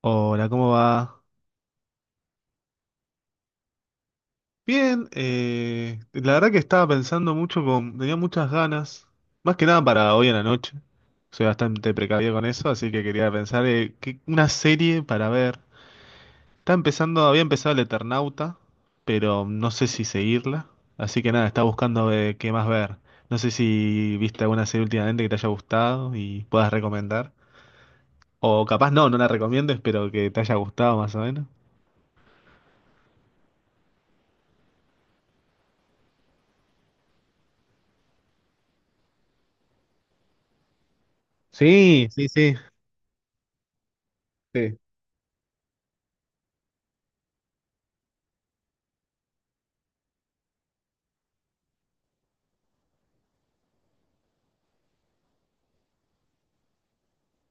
Hola, ¿cómo va? Bien, la verdad que estaba pensando mucho con, tenía muchas ganas, más que nada para hoy en la noche. Soy bastante precavido con eso, así que quería pensar una serie para ver. Está empezando, había empezado El Eternauta, pero no sé si seguirla, así que nada, estaba buscando qué más ver. No sé si viste alguna serie últimamente que te haya gustado y puedas recomendar, o capaz no, no la recomiendes, pero que te haya gustado más o menos. Sí, sí, sí, sí,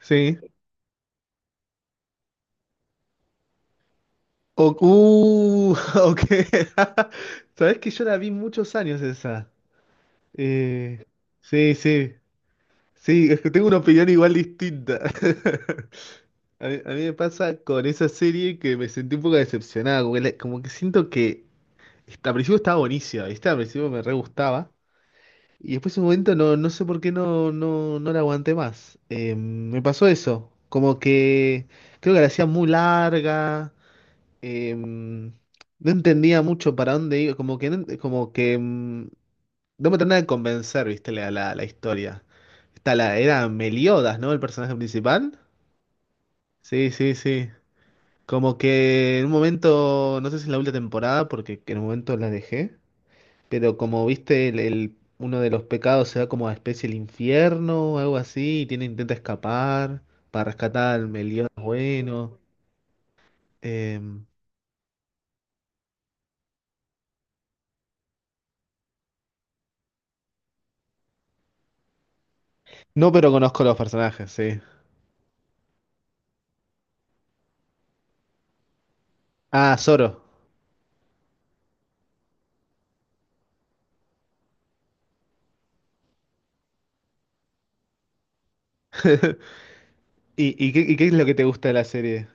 sí. O- uh, ok. Sabes que yo la vi muchos años esa. Eh, sí, sí. Sí, es que tengo una opinión igual distinta. A mí me pasa con esa serie que me sentí un poco decepcionado. Como que, como que siento que al principio estaba buenísima, ¿viste? Al principio me re gustaba. Y después en un momento no, no sé por qué no la aguanté más. Me pasó eso. Como que creo que la hacía muy larga em, no entendía mucho para dónde iba, como que, no ent- como que no me terminaba de convencer, viste, la historia. Está era Meliodas, ¿no? El personaje principal. Sí, sí, sí. Como que en un momento, no sé si en la última temporada, porque en un momento la dejé, pero como viste, uno de los pecados se va como a especie el infierno o algo así, y intenta escapar para rescatar al Meliodas bueno. Em, no, pero conozco los personajes, sí. Ah, Zoro. ¿Y qué es lo que te gusta de la serie?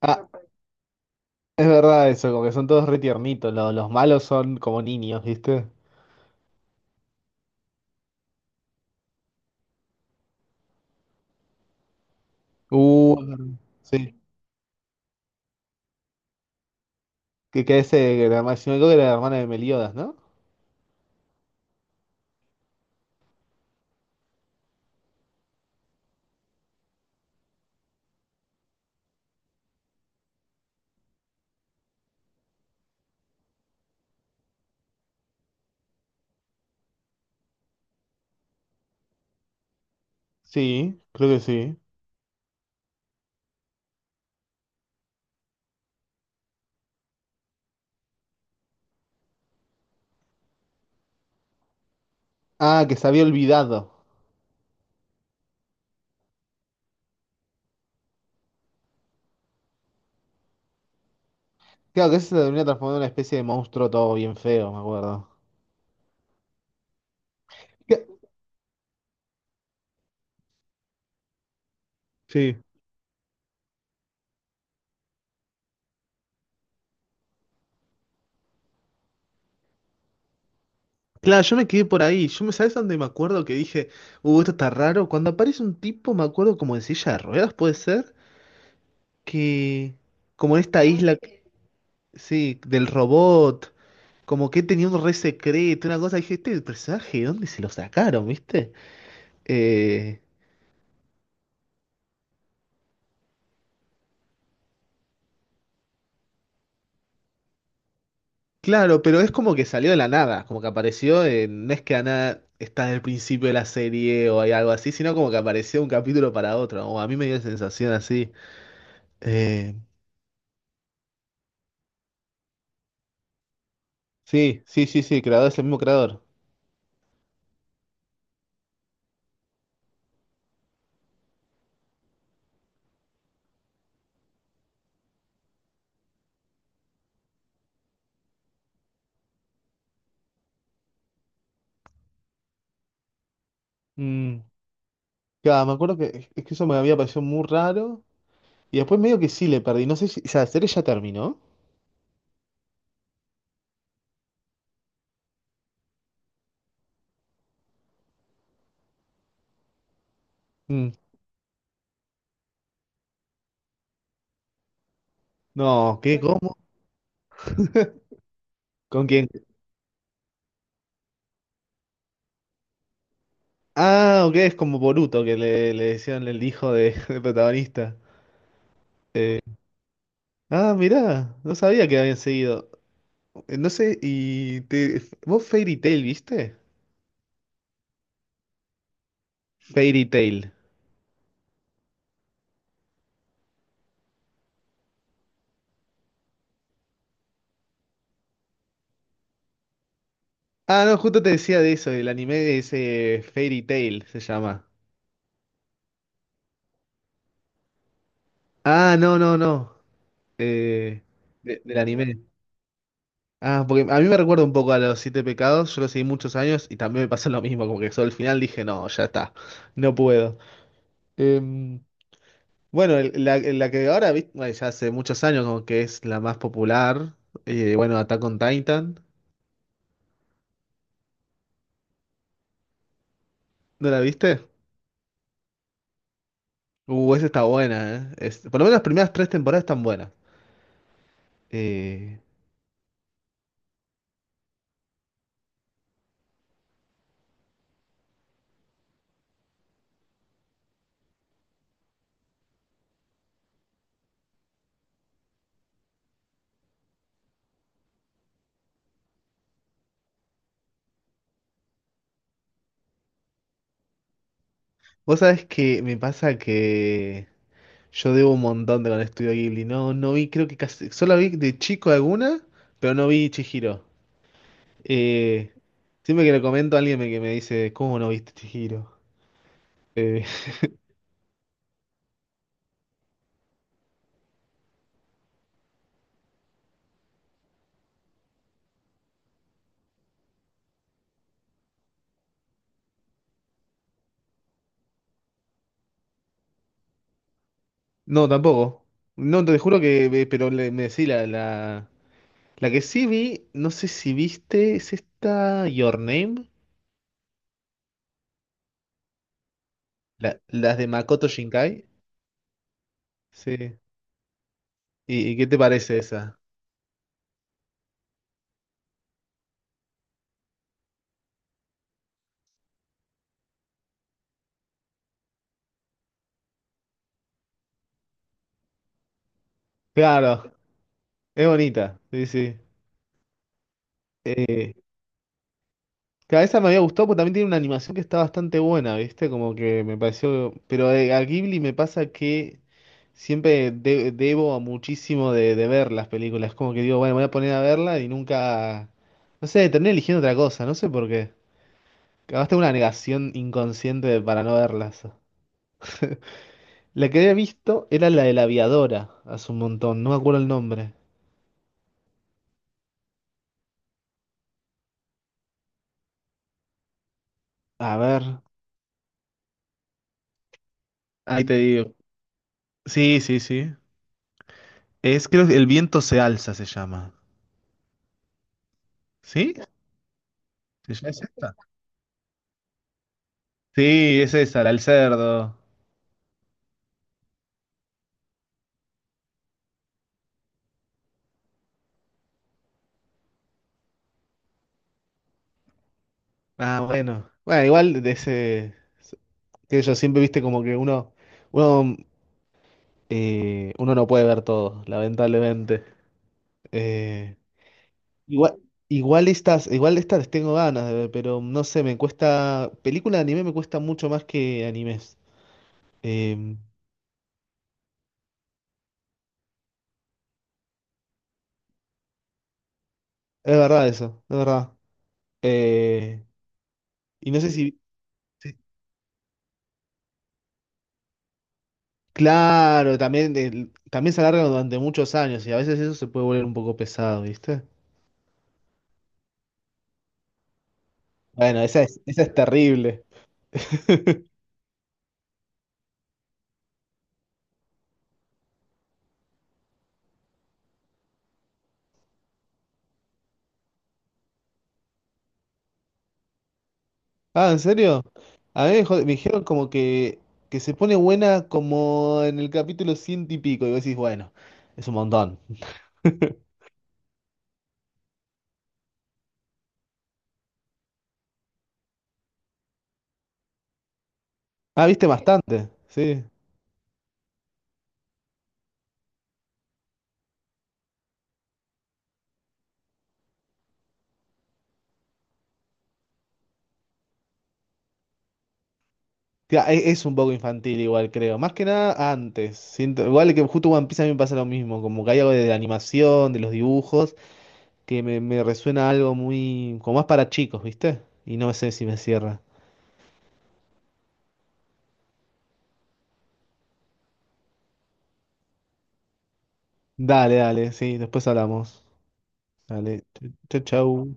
Ah, es verdad eso, como que son todos re tiernitos, los malos son como niños, ¿viste? Uh, sí. Que ese, que si no me equivoco, era la hermana de Meliodas, ¿no? Sí, creo que sí. Ah, que se había olvidado. Claro, que ese se termina transformando en una especie de monstruo todo bien feo, me acuerdo. ¿Qué? Sí. Claro, yo me quedé por ahí. ¿Sabes dónde me acuerdo que dije, esto está raro? Cuando aparece un tipo, me acuerdo como en silla de ruedas, puede ser, que como en esta isla. Sí, del robot, como que tenía un re secreto, una cosa. Dije, este personaje, ¿de dónde se lo sacaron, viste? Eh, claro, pero es como que salió de la nada, como que apareció, no es que nada está en el principio de la serie o hay algo así, sino como que apareció un capítulo para otro, o a mí me dio la sensación así. Eh, sí, sí, sí, sí, el creador es el mismo creador. Mm, claro, me acuerdo que, es que eso me había parecido muy raro, y después medio que sí le perdí, no sé si, o sea, la serie ya terminó. Mm, no, ¿qué? Bueno, ¿cómo? ¿Con quién? Ah, ok, es como Boruto que le decían el hijo de, del protagonista. Ah, mirá, no sabía que habían seguido. No sé, ¿vos Fairy Tail viste? Fairy Tail. Ah, no, justo te decía de eso, el anime de ese Fairy Tail se llama. Ah, no, no, no. eh, del anime. Ah, porque a mí me recuerda un poco a los Siete Pecados, yo lo seguí muchos años y también me pasó lo mismo, como que solo al final dije, no, ya está, no puedo. Em, Bueno, la que ahora, bueno, ya hace muchos años como que es la más popular, bueno, Attack on Titan, ¿no la viste? Esa está buena, ¿eh? Por lo menos las primeras tres temporadas están buenas. Eh, vos sabés que me pasa que yo debo un montón de con Estudio Ghibli, no, no vi, creo que casi, solo vi de chico alguna, pero no vi Chihiro. Eh, siempre que le comento a alguien que me dice, ¿cómo no viste Chihiro? Eh, no, tampoco. No, te juro que, pero me decís la que sí vi, no sé si viste, es esta Your Name, las de Makoto Shinkai. Sí. ¿Y qué te parece esa? Claro, es bonita, sí, sí. Eh, claro, esa me había gustado porque también tiene una animación que está bastante buena, ¿viste? Como que me pareció. Pero a Ghibli me pasa que siempre debo a muchísimo de ver las películas. Como que digo, bueno, me voy a poner a verla y nunca. No sé, terminé eligiendo otra cosa, no sé por qué. Capaz tengo una negación inconsciente para no verlas. La que había visto era la de la aviadora, hace un montón, no me acuerdo el nombre. A ver, ahí te digo. Sí, sí, sí. Creo que El viento se alza se llama. ¿Sí? ¿Es esta? Sí, es esa, la del cerdo. Ah, bueno. Bueno, igual de ese, que yo siempre viste como que uno, uno no puede ver todo, lamentablemente. Eh, igual, igual estas les tengo ganas de ver, pero no sé, me cuesta, película de anime me cuesta mucho más que animes. Em, es verdad eso, es verdad. Eh, y no sé si, claro, también, también se alarga durante muchos años y a veces eso se puede volver un poco pesado, ¿viste? Bueno, esa es terrible. Ah, ¿en serio? A mí me, jod- me dijeron como que se pone buena como en el capítulo ciento y pico, y vos decís, bueno, es un montón. Ah, viste bastante, sí. Tía, Es un poco infantil igual, creo. Más que nada antes. Siento, igual que justo One Piece a mí me pasa lo mismo. Como que hay algo de la animación, de los dibujos, que me resuena algo muy, como más para chicos, ¿viste? Y no sé si me cierra. Dale, dale, sí, después hablamos. Dale, chau, chau.